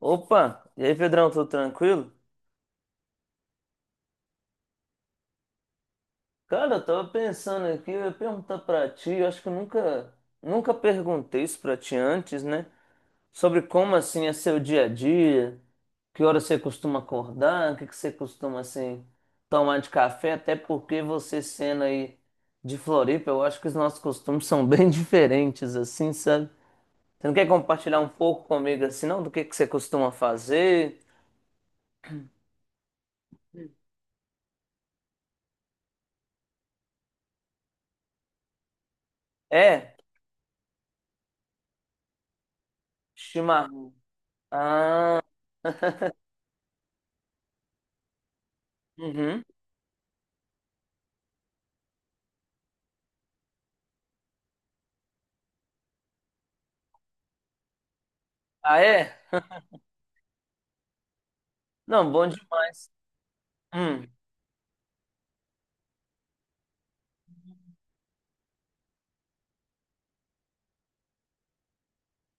Opa, e aí, Pedrão, tudo tranquilo? Cara, eu tava pensando aqui, eu ia perguntar pra ti, eu acho que eu nunca perguntei isso pra ti antes, né? Sobre como, assim, é seu dia a dia, que hora você costuma acordar, o que que você costuma, assim, tomar de café, até porque você sendo aí de Floripa, eu acho que os nossos costumes são bem diferentes, assim, sabe? Você não quer compartilhar um pouco comigo, assim, não? Do que você costuma fazer? É, chimarrão. Ah... Uhum. Ah, é? Não, bom demais. Hum.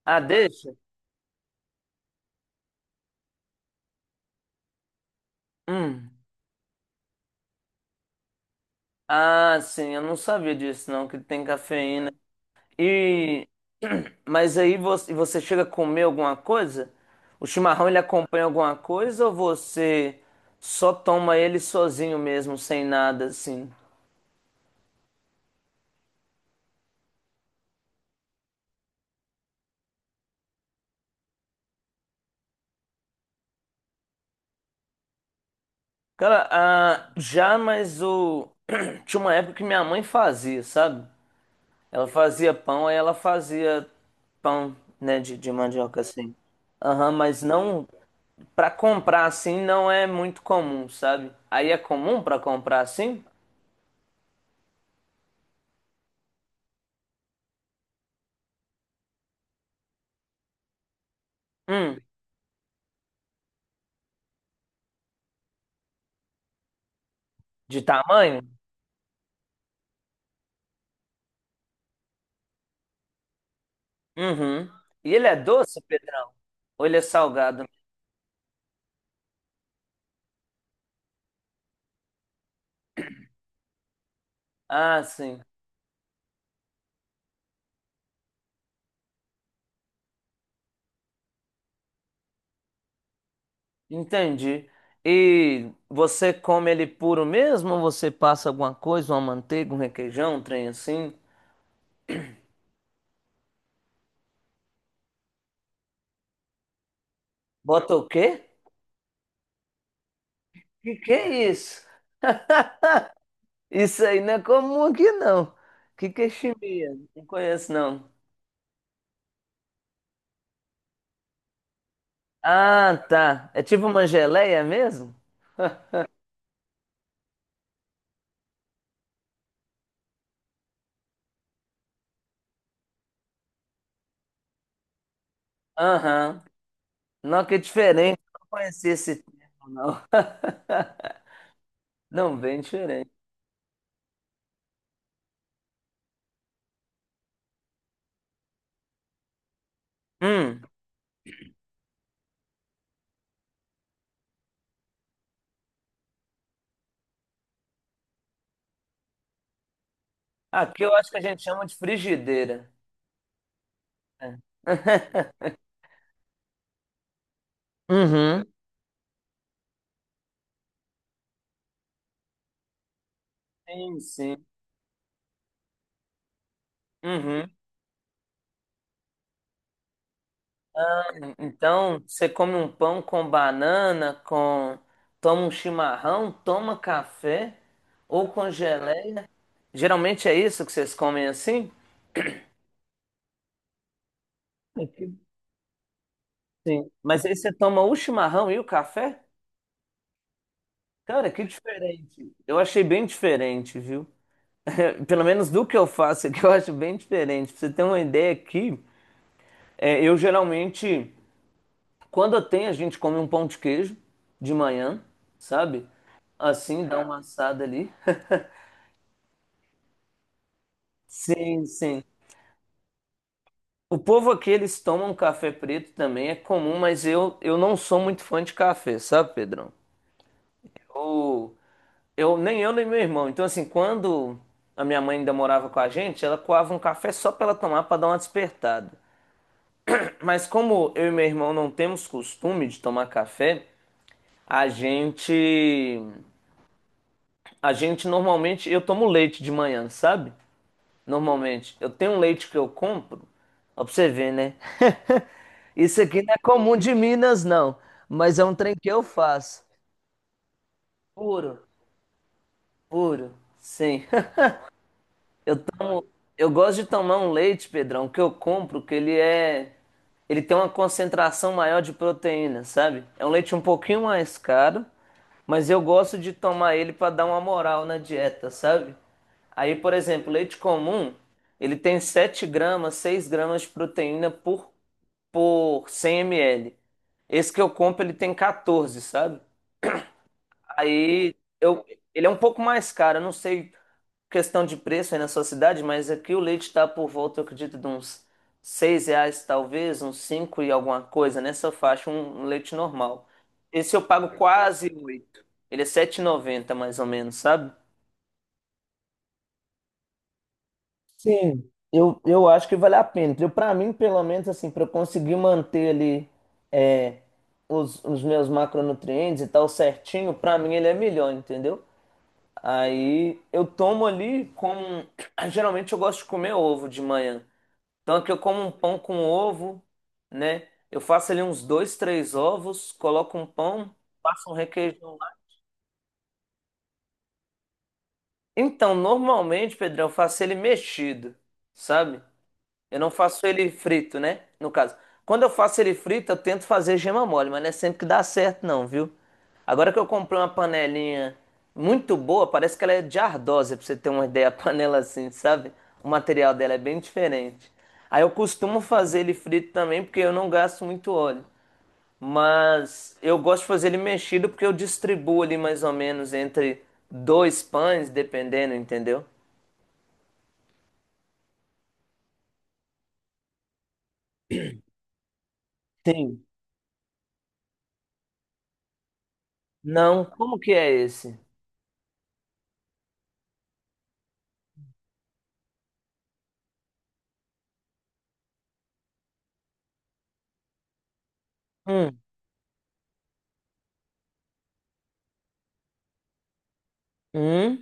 Ah, deixa? Hum. Ah, sim, eu não sabia disso, não, que tem cafeína. E. Mas aí você, você chega a comer alguma coisa? O chimarrão ele acompanha alguma coisa ou você só toma ele sozinho mesmo, sem nada, assim? Cara, ah, já, mas o. Tinha uma época que minha mãe fazia, sabe? Ela fazia pão, aí ela fazia pão, né, de mandioca assim. Aham, mas não para comprar assim não é muito comum, sabe? Aí é comum para comprar assim? Hum, de tamanho? Uhum. E ele é doce, Pedrão? Ou ele é salgado? Ah, sim. Entendi. E você come ele puro mesmo? Ou você passa alguma coisa, uma manteiga, um requeijão, um trem assim? Bota o quê? Que é isso? Isso aí não é comum aqui, não. O que que é chimia? Não conheço, não. Ah, tá. É tipo uma geleia mesmo? Aham. Não, que é diferente. Não conhecia esse termo, não. Não, bem diferente. Hum. Aqui eu acho que a gente chama de frigideira. É. Uhum. Sim, sim. Uhum. Então, você come um pão com banana, com... Toma um chimarrão, toma café ou com geleia. Geralmente é isso que vocês comem assim? É que- Sim. Mas aí você toma o chimarrão e o café? Cara, que diferente. Eu achei bem diferente, viu? Pelo menos do que eu faço aqui, eu acho bem diferente. Pra você ter uma ideia aqui, é, eu geralmente, quando eu tenho, a gente come um pão de queijo de manhã, sabe? Assim, dá uma assada ali. Sim, sim. O povo aqui, eles tomam café preto também, é comum, mas eu não sou muito fã de café, sabe, Pedrão? Eu, nem eu, nem meu irmão. Então, assim, quando a minha mãe ainda morava com a gente, ela coava um café só pra ela tomar, pra dar uma despertada. Mas como eu e meu irmão não temos costume de tomar café, a gente. A gente normalmente. Eu tomo leite de manhã, sabe? Normalmente. Eu tenho um leite que eu compro. Ó, pra você ver, né? Isso aqui não é comum de Minas, não. Mas é um trem que eu faço. Puro, puro. Sim. Eu gosto de tomar um leite, Pedrão, que eu compro, que ele é. ele tem uma concentração maior de proteína, sabe? É um leite um pouquinho mais caro, mas eu gosto de tomar ele para dar uma moral na dieta, sabe? Aí, por exemplo, leite comum, ele tem 7 gramas, 6 gramas de proteína por 100 ml. Esse que eu compro, ele tem 14, sabe? Aí eu, ele é um pouco mais caro, eu não sei questão de preço aí na sua cidade, mas aqui o leite está por volta, eu acredito, de uns R$ 6, talvez, uns cinco e alguma coisa nessa faixa, um leite normal. Esse eu pago quase oito. Ele é 7,90 mais ou menos, sabe? Sim, eu acho que vale a pena. Eu, para mim, pelo menos, assim, para eu conseguir manter ali é, os meus macronutrientes e tal certinho, para mim ele é melhor, entendeu? Aí eu tomo ali como. Geralmente eu gosto de comer ovo de manhã. Tanto que eu como um pão com ovo, né? Eu faço ali uns dois, três ovos, coloco um pão, passo um requeijão lá. Então, normalmente, Pedrão, eu faço ele mexido, sabe? Eu não faço ele frito, né? No caso. Quando eu faço ele frito, eu tento fazer gema mole, mas não é sempre que dá certo, não, viu? Agora que eu comprei uma panelinha muito boa, parece que ela é de ardósia, pra você ter uma ideia, a panela assim, sabe? O material dela é bem diferente. Aí eu costumo fazer ele frito também, porque eu não gasto muito óleo. Mas eu gosto de fazer ele mexido, porque eu distribuo ali mais ou menos entre dois pães, dependendo, entendeu? Sim. Não, como que é esse? Hum. Hum?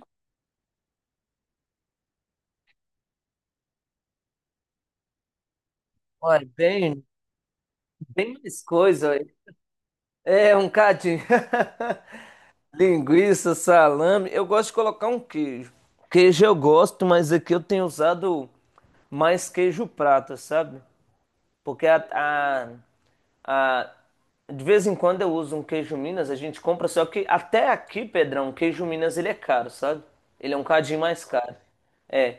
Olha, bem, bem mais coisa. Olha. É um cadinho. Linguiça, salame. Eu gosto de colocar um queijo. Queijo eu gosto, mas aqui eu tenho usado mais queijo prata, sabe? Porque ah, de vez em quando eu uso um queijo Minas, a gente compra, só que até aqui, Pedrão, queijo Minas ele é caro, sabe? Ele é um cadinho mais caro. É.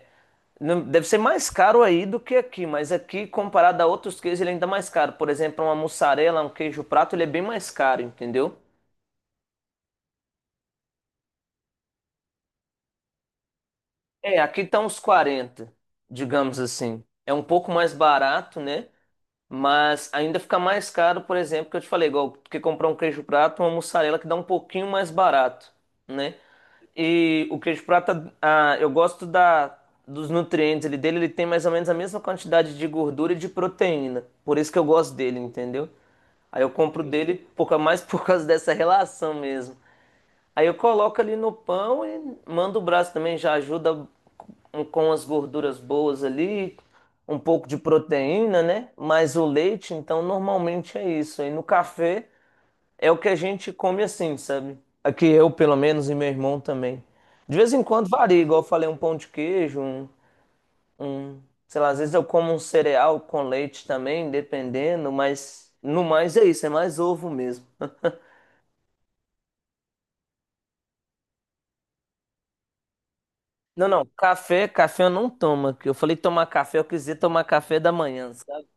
Não- Deve ser mais caro aí do que aqui, mas aqui, comparado a outros queijos, ele é ainda mais caro. Por exemplo, uma mussarela, um queijo prato, ele é bem mais caro, entendeu? É, aqui tá uns 40, digamos assim. É um pouco mais barato, né? Mas ainda fica mais caro, por exemplo, que eu te falei, igual que comprar um queijo prato, uma mussarela que dá um pouquinho mais barato, né? E o queijo prata, ah, eu gosto dos nutrientes dele, ele tem mais ou menos a mesma quantidade de gordura e de proteína. Por isso que eu gosto dele, entendeu? Aí eu compro dele por, ca- mais por causa dessa relação mesmo. Aí eu coloco ali no pão e mando o braço também, já ajuda com as gorduras boas ali, um pouco de proteína, né? Mas o leite, então, normalmente é isso. Aí no café é o que a gente come assim, sabe? Aqui eu, pelo menos, e meu irmão também. De vez em quando varia, igual eu falei, um pão de queijo, um, sei lá, às vezes eu como um cereal com leite também, dependendo, mas no mais é isso, é mais ovo mesmo. Não, não, café, café eu não tomo, que eu falei tomar café, eu quis dizer tomar café da manhã, sabe?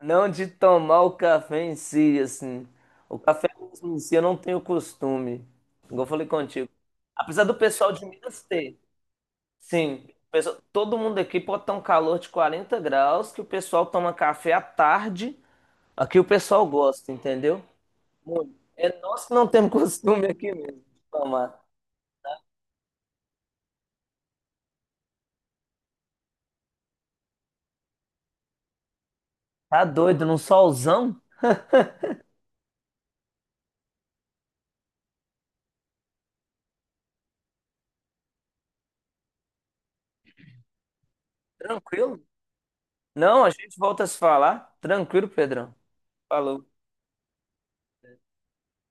Não de tomar o café em si, assim. O café mesmo em si eu não tenho costume, igual eu falei contigo. Apesar do pessoal de Minas ter, sim, o pessoal- todo mundo aqui pode estar um calor de 40 graus, que o pessoal toma café à tarde, aqui o pessoal gosta, entendeu? Muito. É nós que não temos costume aqui mesmo de tomar. Tá doido, num solzão? Tranquilo? Não, a gente volta a se falar. Tranquilo, Pedrão. Falou.